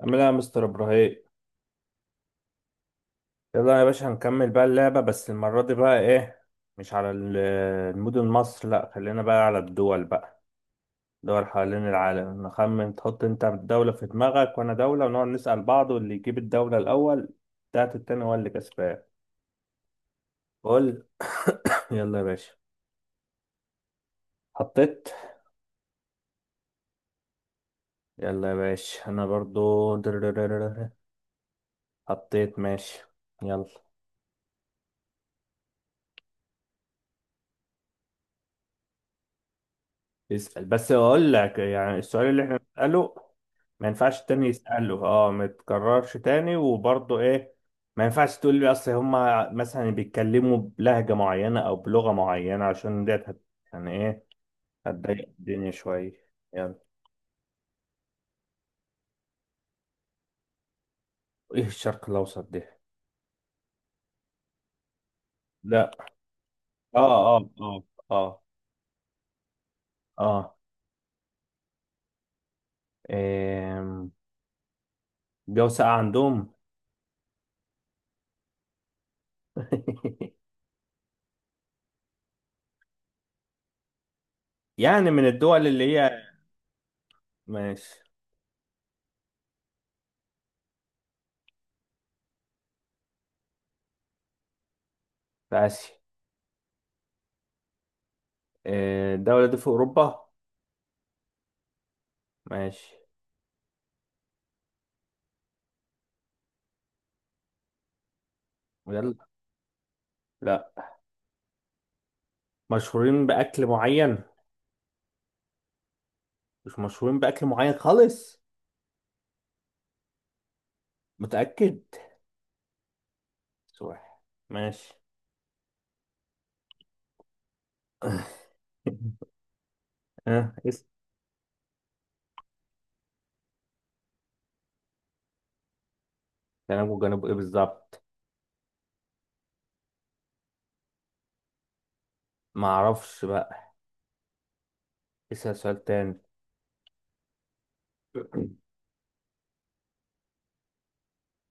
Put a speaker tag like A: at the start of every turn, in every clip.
A: عامل ايه يا مستر ابراهيم؟ يلا يا باشا هنكمل بقى اللعبة، بس المرة دي بقى ايه؟ مش على ال- المدن مصر، لا خلينا بقى على الدول بقى، دول حوالين العالم نخمن. تحط انت دولة في دماغك وانا دولة ونقعد نسأل بعض، واللي يجيب الدولة الأول بتاعت التاني هو اللي كسبان. قول. يلا يا باشا. حطيت. يلا يا باشا انا برضو دررررر. حطيت ماشي. يلا. يسأل، بس اقول لك يعني السؤال اللي احنا بنسأله ما ينفعش التاني يسأله، اه ما يتكررش تاني، وبرضه ايه، ما ينفعش تقول لي اصل هما مثلا بيتكلموا بلهجة معينة او بلغة معينة عشان ديت هت- يعني ايه، هتضايق الدنيا شوية. يلا. ايه الشرق الاوسط دي؟ لا. اه اه اه اه اه. إيه، جو ساقع عندهم؟ من الدول اللي هي؟ ماشي. في اسيا؟ إيه، الدولة دي في اوروبا؟ ماشي. يلا. لا. مشهورين بأكل معين؟ مش مشهورين بأكل معين خالص؟ متأكد؟ سوح. ماشي. اه اسم. جنوب، وجنوب ايه بالظبط؟ معرفش بقى، اسأل سؤال تاني.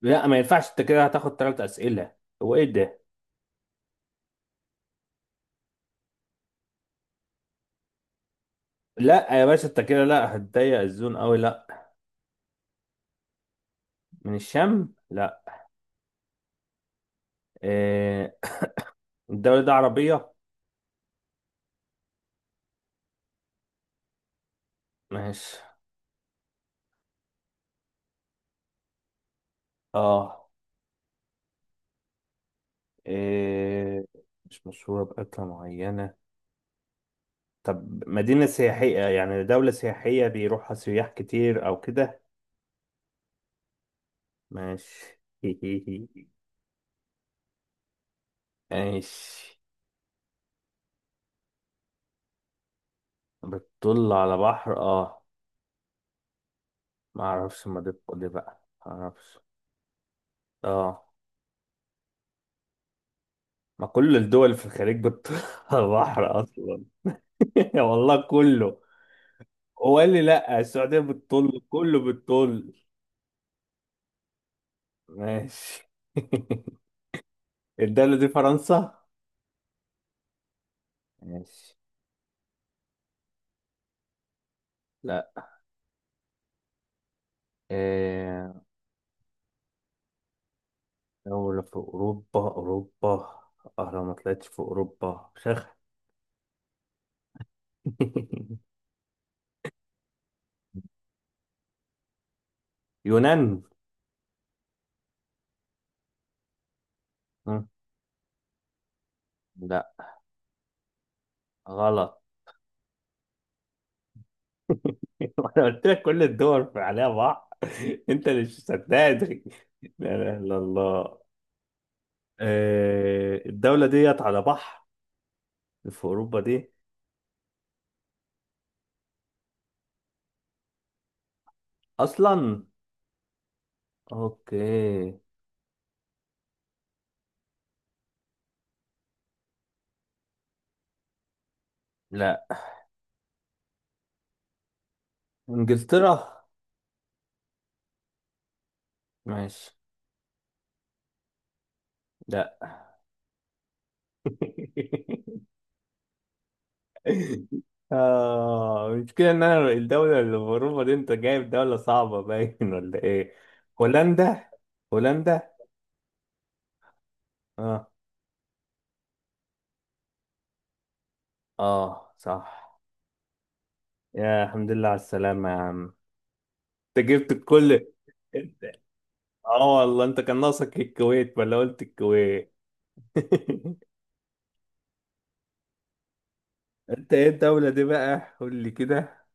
A: لا ما ينفعش، انت كده هتاخد تلات أسئلة. هو ايه ده؟ لا يا باشا انت كده لا، هتضيق الزون قوي، لا. من الشام؟ لا. إيه، الدولة دي عربية؟ ماشي. اه. إيه، مش مشهورة بأكلة معينة؟ طب مدينة سياحية، يعني دولة سياحية بيروحها سياح كتير أو كده؟ ماشي ماشي. بتطل على بحر؟ اه، ما اعرفش، ما دي بقى ما اعرفش. اه. ما كل الدول في الخليج بتطل على بحر اصلا. والله كله. هو قال لي لا السعودية بتطل، كله بتطل. ماشي. الدولة دي فرنسا؟ ماشي. لا. آه. دولة في أوروبا؟ أه لو ما طلعتش في أوروبا شخ. يونان؟ ها؟ لا. غلط. أنا قلت لك كل الدول في عليها بحر، أنت اللي مش صدقني. لا إله إلا الله. آه، الدولة ديت على بحر؟ في أوروبا دي أصلا؟ أوكي. لا. إنجلترا؟ ماشي. لا. آه المشكلة إن أنا الدولة اللي بروفة دي، أنت جايب دولة صعبة باين ولا إيه؟ هولندا؟ هولندا؟ آه. آه صح. يا الحمد لله على السلامة يا عم، أنت جبت الكل. أنت. آه والله أنت كان ناقصك الكويت، ولا قلت الكويت؟ أنت إيه الدولة دي بقى؟ قول لي كده.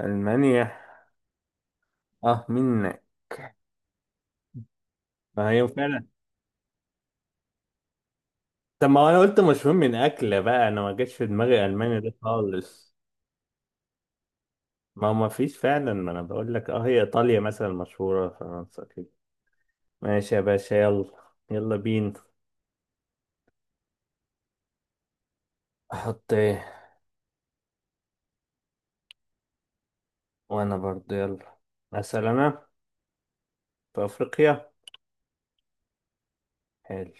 A: ألمانيا؟ آه مين. ما هي فعلا. طب ما أنا قلت مشهور من أكلة بقى، أنا ما جاتش في دماغي ألمانيا ده خالص. ما ما فيش فعلا، ما انا بقول لك، اه هي ايطاليا مثلا مشهورة، فرنسا كده. ماشي يا باشا، يلا. يلا بينا. احط ايه؟ وانا برضه، يلا. اسال انا. في افريقيا؟ حلو.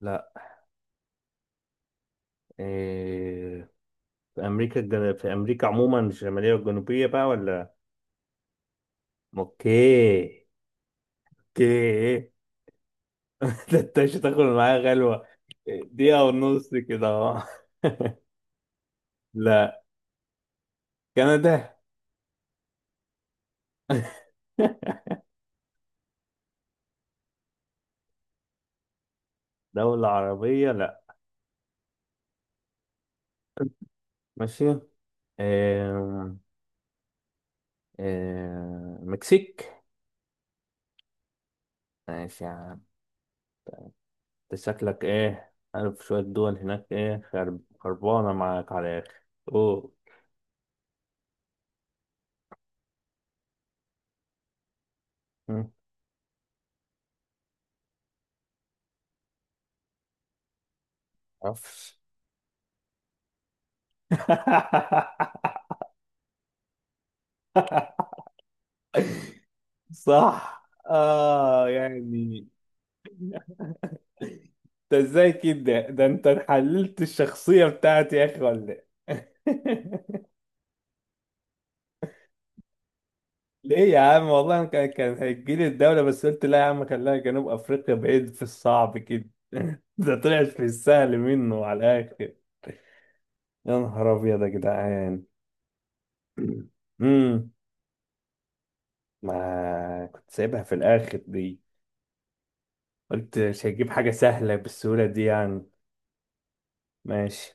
A: لا. إيه، في امريكا الجن... في امريكا عموما الشمالية والجنوبية بقى ولا؟ اوكي. اوكي. ده انت مش هتاخد معايا غلوة، دقيقة ونص كده اهو. لا. كندا؟ دولة عربية؟ لا. ماشي. إيه، آه، مكسيك؟ ماشي يا عم. انت شكلك ايه عارف شوية دول هناك، ايه خرب- خربانة معاك على الآخر. اوه. مم. معرفش. صح اه يعني، انت ازاي كده؟ ده انت حللت الشخصية بتاعتي يا اخي ولا إيه؟ ليه يا عم، والله أنا كان هيجيلي الدولة، بس قلت لا يا عم خليها جنوب أفريقيا بعيد في الصعب كده، ده طلعت في السهل منه على الآخر. يا نهار أبيض يا جدعان. امم ما كنت سايبها في الآخر دي. قلت مش هجيب حاجة سهلة بالسهولة دي يعني. ماشي.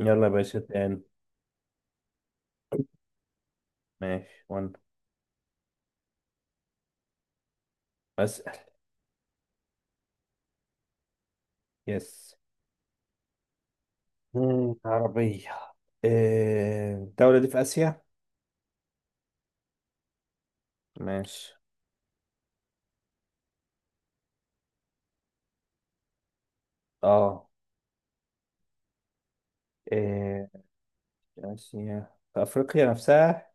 A: يلا يا باشا تاني. ماشي وأنا. أسأل. يس. مم، عربية. إيه، الدولة دي في آسيا؟ ماشي. اه. إيه، آسيا في أفريقيا نفسها؟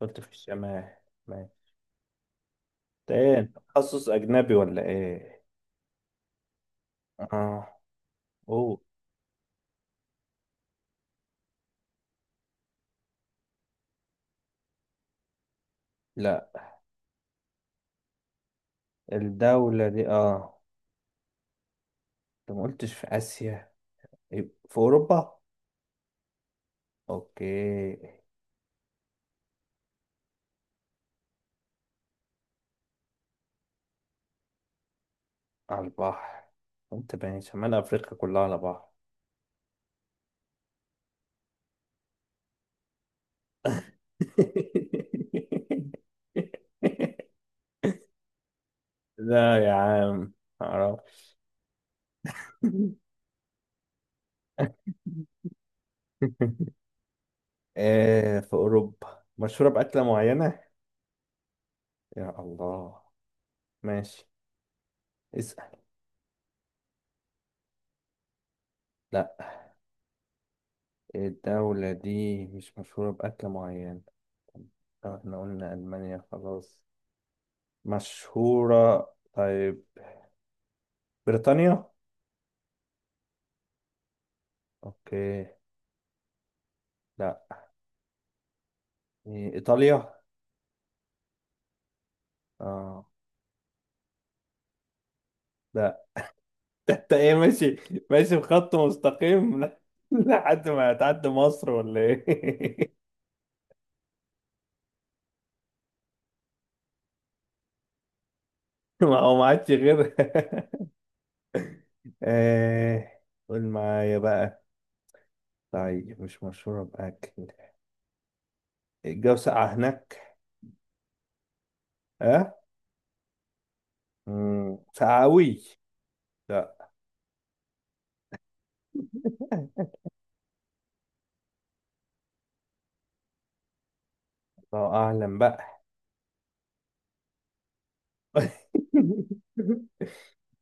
A: قلت في الشمال. ماشي. ده إيه أنت تخصص أجنبي ولا إيه؟ آه. أوه. لا. الدولة دي آه. أنت ما قلتش في آسيا، يبقى في أوروبا؟ أوكي. على البحر. أنت بين شمال أفريقيا كلها على بعض. لا يا عم. معرفش. آه، في أوروبا مشهورة بأكلة معينة؟ يا الله. ماشي. اسأل. لا. الدولة دي مش مشهورة بأكل معين، لو احنا قلنا ألمانيا خلاص مشهورة. طيب، بريطانيا؟ اوكي. لا. إيه، إيطاليا؟ اه. لا. ده انت ايه؟ ماشي، ماشي بخط مستقيم، ل- لحد ما هتعدي مصر ولا ايه؟ ما هو ما عادش غيرها. ايه، قول معايا بقى، طيب مش مشهورة بأكل، الجو ساقع هناك؟ اه. مم، ساقع أوي؟ لا. الله اعلم بقى.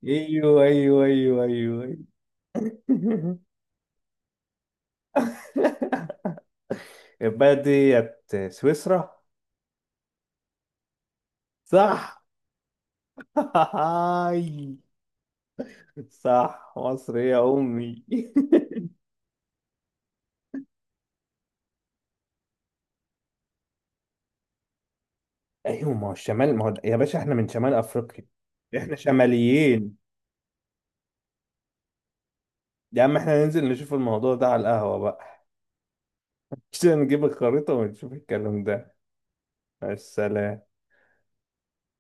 A: ايوه ايوه ايوه ايوه أيوة. البلد ديت سويسرا؟ صح. هاي. صح مصر يا امي. ايوه ما هو الشمال، ما هو يا باشا احنا من شمال افريقيا، احنا شماليين. يا عم احنا ننزل نشوف الموضوع ده على القهوة بقى، عشان نجيب الخريطة ونشوف الكلام ده. مع السلامة.